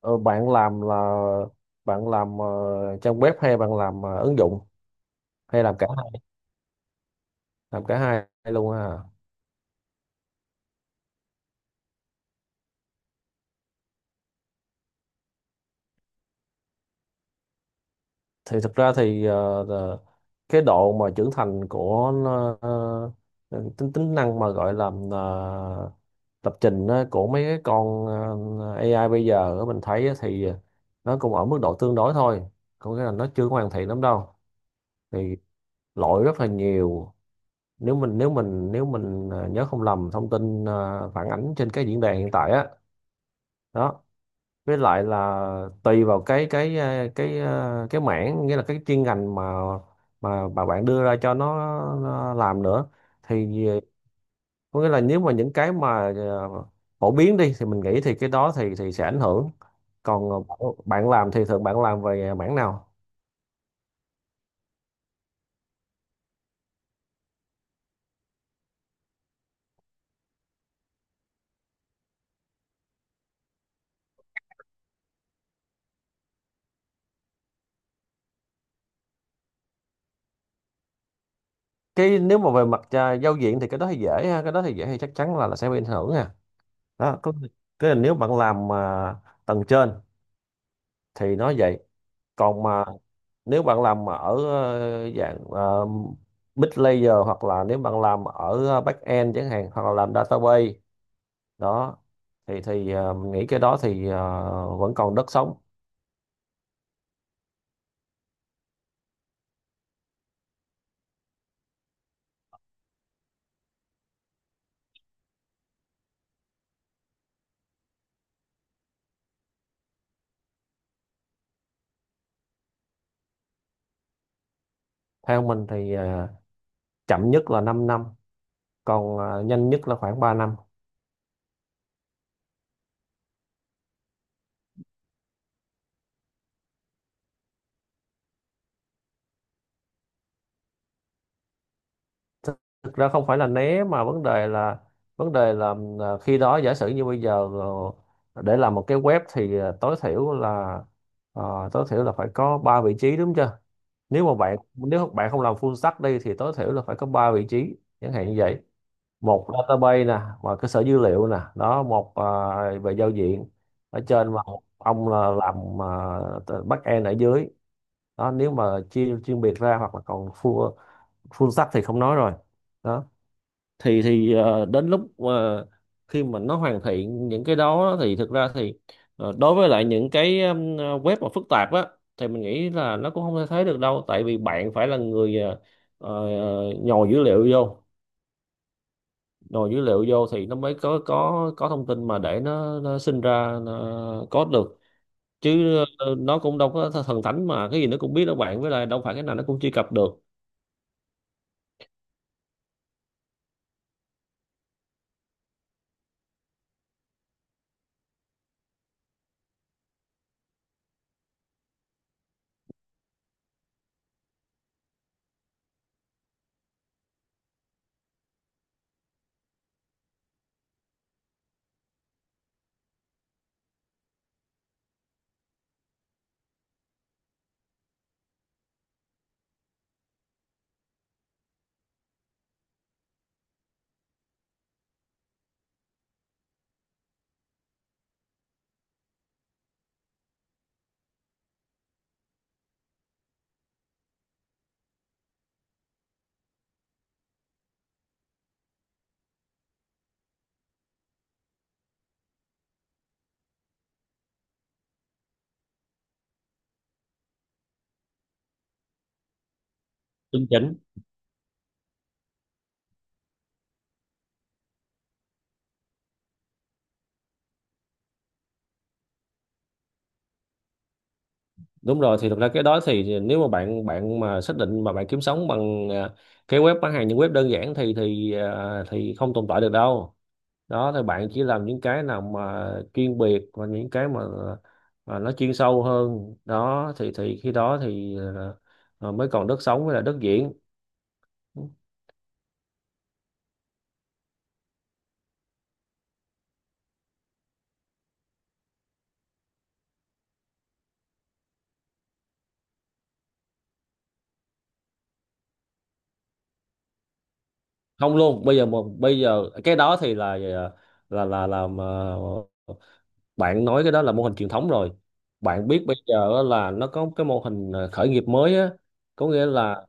Ờ, Bạn làm là bạn làm ờ, trang web hay bạn làm ứng dụng, hay làm cả hai, làm cả hai luôn ha? Thì thực ra thì cái độ mà trưởng thành của nó, tính tính năng mà gọi là ờ, lập trình á, của mấy cái con AI bây giờ á, mình thấy á thì nó cũng ở mức độ tương đối thôi, có nghĩa là nó chưa hoàn thiện lắm đâu. Thì lỗi rất là nhiều, nếu mình nhớ không lầm thông tin phản ánh trên cái diễn đàn hiện tại á. Đó, với lại là tùy vào cái mảng, nghĩa là cái chuyên ngành mà mà bạn đưa ra cho nó làm nữa. Thì có nghĩa là nếu mà những cái mà phổ biến đi thì mình nghĩ thì cái đó thì sẽ ảnh hưởng. Còn bạn bạn làm thì thường bạn làm về mảng nào? Cái nếu mà về mặt giao diện thì cái đó thì dễ ha, cái đó thì dễ thì chắc chắn là sẽ bị ảnh hưởng ha. Đó, có cái là nếu bạn làm mà tầng trên thì nó vậy. Còn mà nếu bạn làm mà ở dạng mid layer, hoặc là nếu bạn làm ở back end chẳng hạn, hoặc là làm database. Đó thì mình nghĩ cái đó thì vẫn còn đất sống. Theo mình thì chậm nhất là 5 năm, còn nhanh nhất là khoảng 3 năm. Thực ra không phải là né mà vấn đề là, khi đó giả sử như bây giờ, để làm một cái web thì tối thiểu là phải có 3 vị trí, đúng chưa? Nếu mà nếu bạn không làm full stack đi thì tối thiểu là phải có ba vị trí chẳng hạn như vậy. Một database nè và cơ sở dữ liệu nè, đó một về giao diện ở trên, và một ông là làm back end ở dưới. Đó, nếu mà chia chuyên biệt ra, hoặc là còn full full stack thì không nói rồi. Đó thì đến lúc mà, khi mà nó hoàn thiện những cái đó thì thực ra thì đối với lại những cái web mà phức tạp á, thì mình nghĩ là nó cũng không thể thấy được đâu. Tại vì bạn phải là người nhồi dữ liệu vô, thì nó mới có thông tin mà để nó sinh ra nó code được. Chứ nó cũng đâu có thần thánh mà cái gì nó cũng biết đâu bạn, với lại đâu phải cái nào nó cũng truy cập được. Chuẩn chính. Đúng rồi. Thì thực ra cái đó thì nếu mà bạn bạn mà xác định mà bạn kiếm sống bằng cái web bán hàng, những web đơn giản thì thì không tồn tại được đâu. Đó thì bạn chỉ làm những cái nào mà chuyên biệt và những cái mà nó chuyên sâu hơn. Đó thì khi đó thì mới còn đất sống với là đất diễn. Không luôn bây giờ, mà bây giờ cái đó thì là là là làm à, bạn nói cái đó là mô hình truyền thống rồi. Bạn biết bây giờ á là nó có cái mô hình khởi nghiệp mới á, có nghĩa là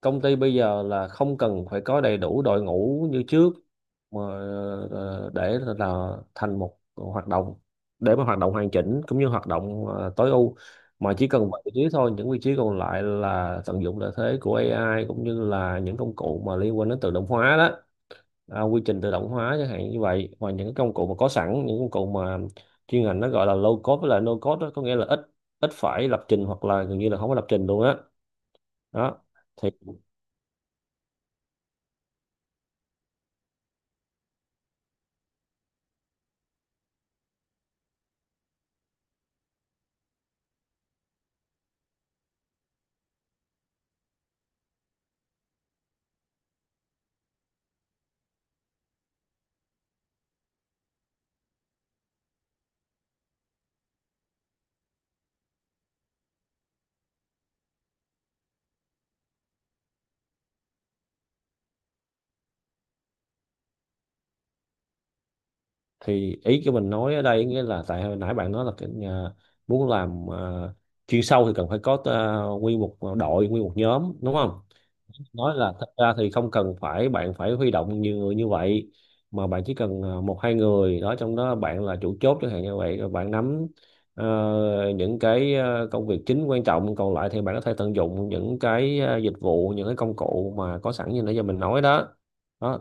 công ty bây giờ là không cần phải có đầy đủ đội ngũ như trước, mà để là thành một hoạt động, để mà hoạt động hoàn chỉnh cũng như hoạt động tối ưu, mà chỉ cần 7 vị trí thôi, những vị trí còn lại là tận dụng lợi thế của AI cũng như là những công cụ mà liên quan đến tự động hóa đó. Quy trình tự động hóa chẳng hạn như vậy, hoặc những cái công cụ mà có sẵn, những công cụ mà chuyên ngành nó gọi là low code với lại no code đó, có nghĩa là ít ít phải lập trình, hoặc là gần như là không có lập trình luôn á. Đó. thì thì ý của mình nói ở đây nghĩa là tại hồi nãy bạn nói là muốn làm chuyên sâu thì cần phải có nguyên một đội, nguyên một nhóm, đúng không? Nói là thật ra thì không cần phải bạn phải huy động nhiều người như vậy, mà bạn chỉ cần một hai người đó, trong đó bạn là chủ chốt chẳng hạn như vậy, rồi bạn nắm ờ, những cái công việc chính quan trọng. Còn lại thì bạn có thể tận dụng những cái dịch vụ, những cái công cụ mà có sẵn như nãy giờ mình nói đó. Đó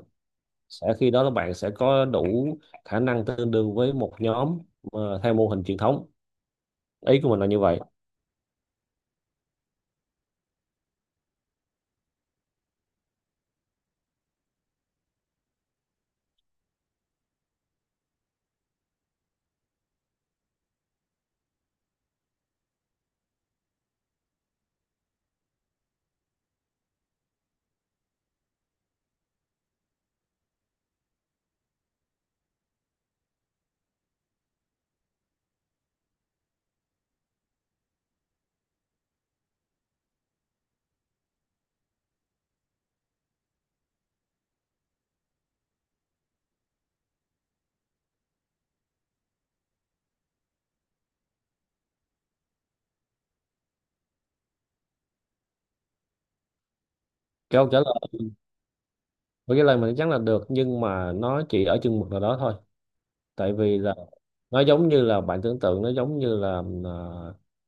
sẽ khi đó là bạn sẽ có đủ khả năng tương đương với một nhóm theo mô hình truyền thống. Ý của mình là như vậy. Cái câu trả lời với cái lời mình chắc là được, nhưng mà nó chỉ ở chừng mực nào đó thôi. Tại vì là nó giống như là bạn tưởng tượng, nó giống như là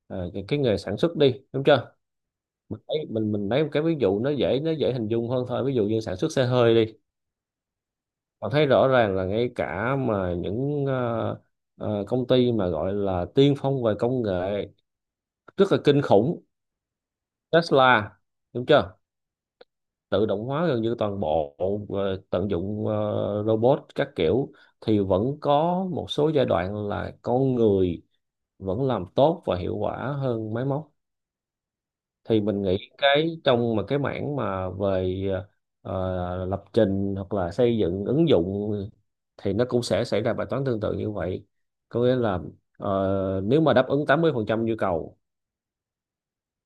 cái nghề sản xuất đi, đúng chưa? Mình thấy mình lấy một cái ví dụ nó dễ, nó dễ hình dung hơn thôi. Ví dụ như sản xuất xe hơi đi. Bạn thấy rõ ràng là ngay cả mà những công ty mà gọi là tiên phong về công nghệ, rất là kinh khủng, Tesla, đúng chưa, tự động hóa gần như toàn bộ, tận dụng robot các kiểu, thì vẫn có một số giai đoạn là con người vẫn làm tốt và hiệu quả hơn máy móc. Thì mình nghĩ cái trong mà cái mảng mà về lập trình hoặc là xây dựng ứng dụng thì nó cũng sẽ xảy ra bài toán tương tự như vậy. Có nghĩa là nếu mà đáp ứng 80% nhu cầu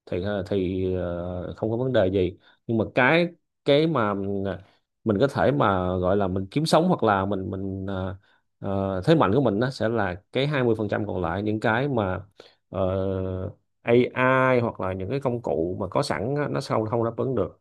thì không có vấn đề gì. Nhưng mà cái mà ờ, mình có thể mà gọi là mình kiếm sống, hoặc là thế mạnh của mình nó sẽ là cái 20% còn lại, những cái mà ờ, AI hoặc là những cái công cụ mà có sẵn á, nó sao không đáp ứng được.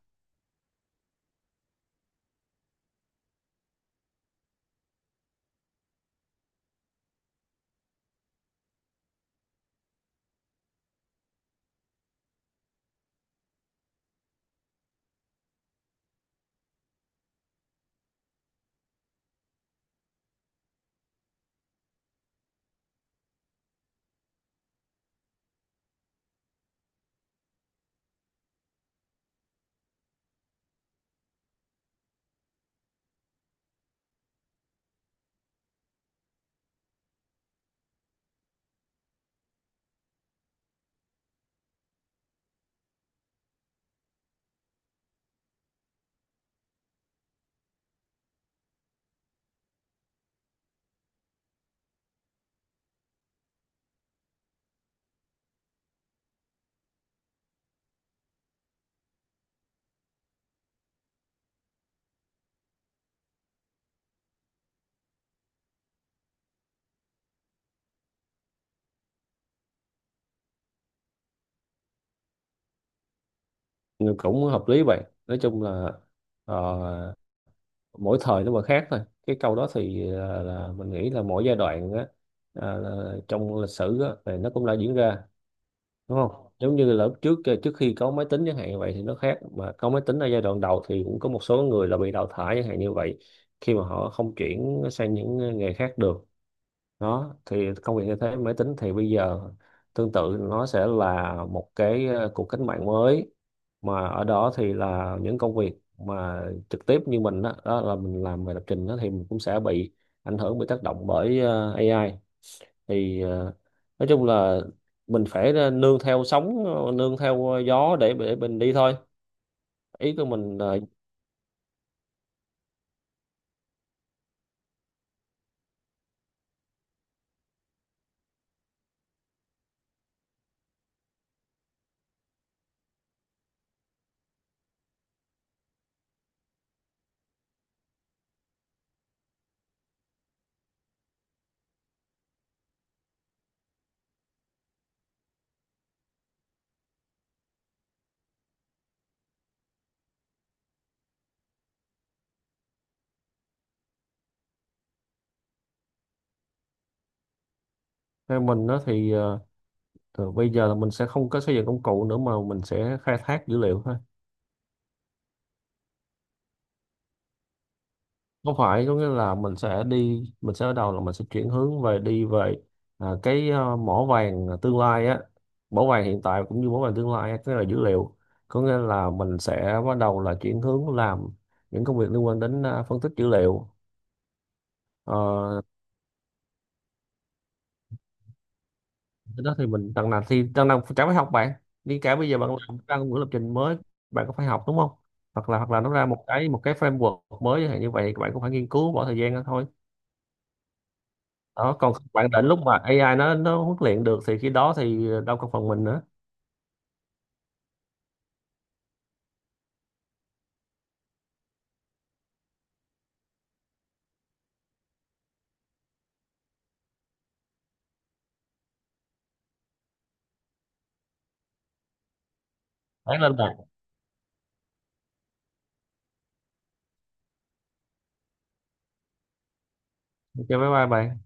Nhưng cũng hợp lý vậy. Nói chung là ờ, mỗi thời nó mà khác thôi. Cái câu đó thì là mình nghĩ là mỗi giai đoạn á, trong lịch sử á, thì nó cũng đã diễn ra. Đúng không, giống như là lúc trước trước khi có máy tính chẳng hạn như vậy thì nó khác, mà có máy tính ở giai đoạn đầu thì cũng có một số người là bị đào thải chẳng hạn như vậy, khi mà họ không chuyển sang những nghề khác được. Đó thì công việc như thế máy tính thì bây giờ tương tự, nó sẽ là một cái cuộc cách mạng mới, mà ở đó thì là những công việc mà trực tiếp như mình đó, đó là mình làm về lập trình đó thì mình cũng sẽ bị ảnh hưởng, bị tác động bởi AI. Thì nói chung là mình phải nương theo sóng, nương theo gió để mình đi thôi. Ý của mình là theo mình đó thì từ bây giờ là mình sẽ không có xây dựng công cụ nữa mà mình sẽ khai thác dữ liệu thôi. Không phải, có nghĩa là mình sẽ đi, mình sẽ ở đầu là mình sẽ chuyển hướng về, đi về cái mỏ vàng tương lai á, mỏ vàng hiện tại cũng như mỏ vàng tương lai á, cái là dữ liệu. Có nghĩa là mình sẽ bắt đầu là chuyển hướng làm những công việc liên quan đến phân tích dữ liệu. Ờ, Cái đó thì mình, đằng nào thì đằng nào chả phải học bạn, đi cả bây giờ bạn làm ra ngữ lập trình mới bạn cũng phải học, đúng không? Hoặc là nó ra một cái framework mới chẳng hạn như vậy bạn cũng phải nghiên cứu bỏ thời gian ra thôi. Đó, còn bạn định lúc mà AI nó huấn luyện được thì khi đó thì đâu còn phần mình nữa. Bán lên bạn. Cho bye bye bạn.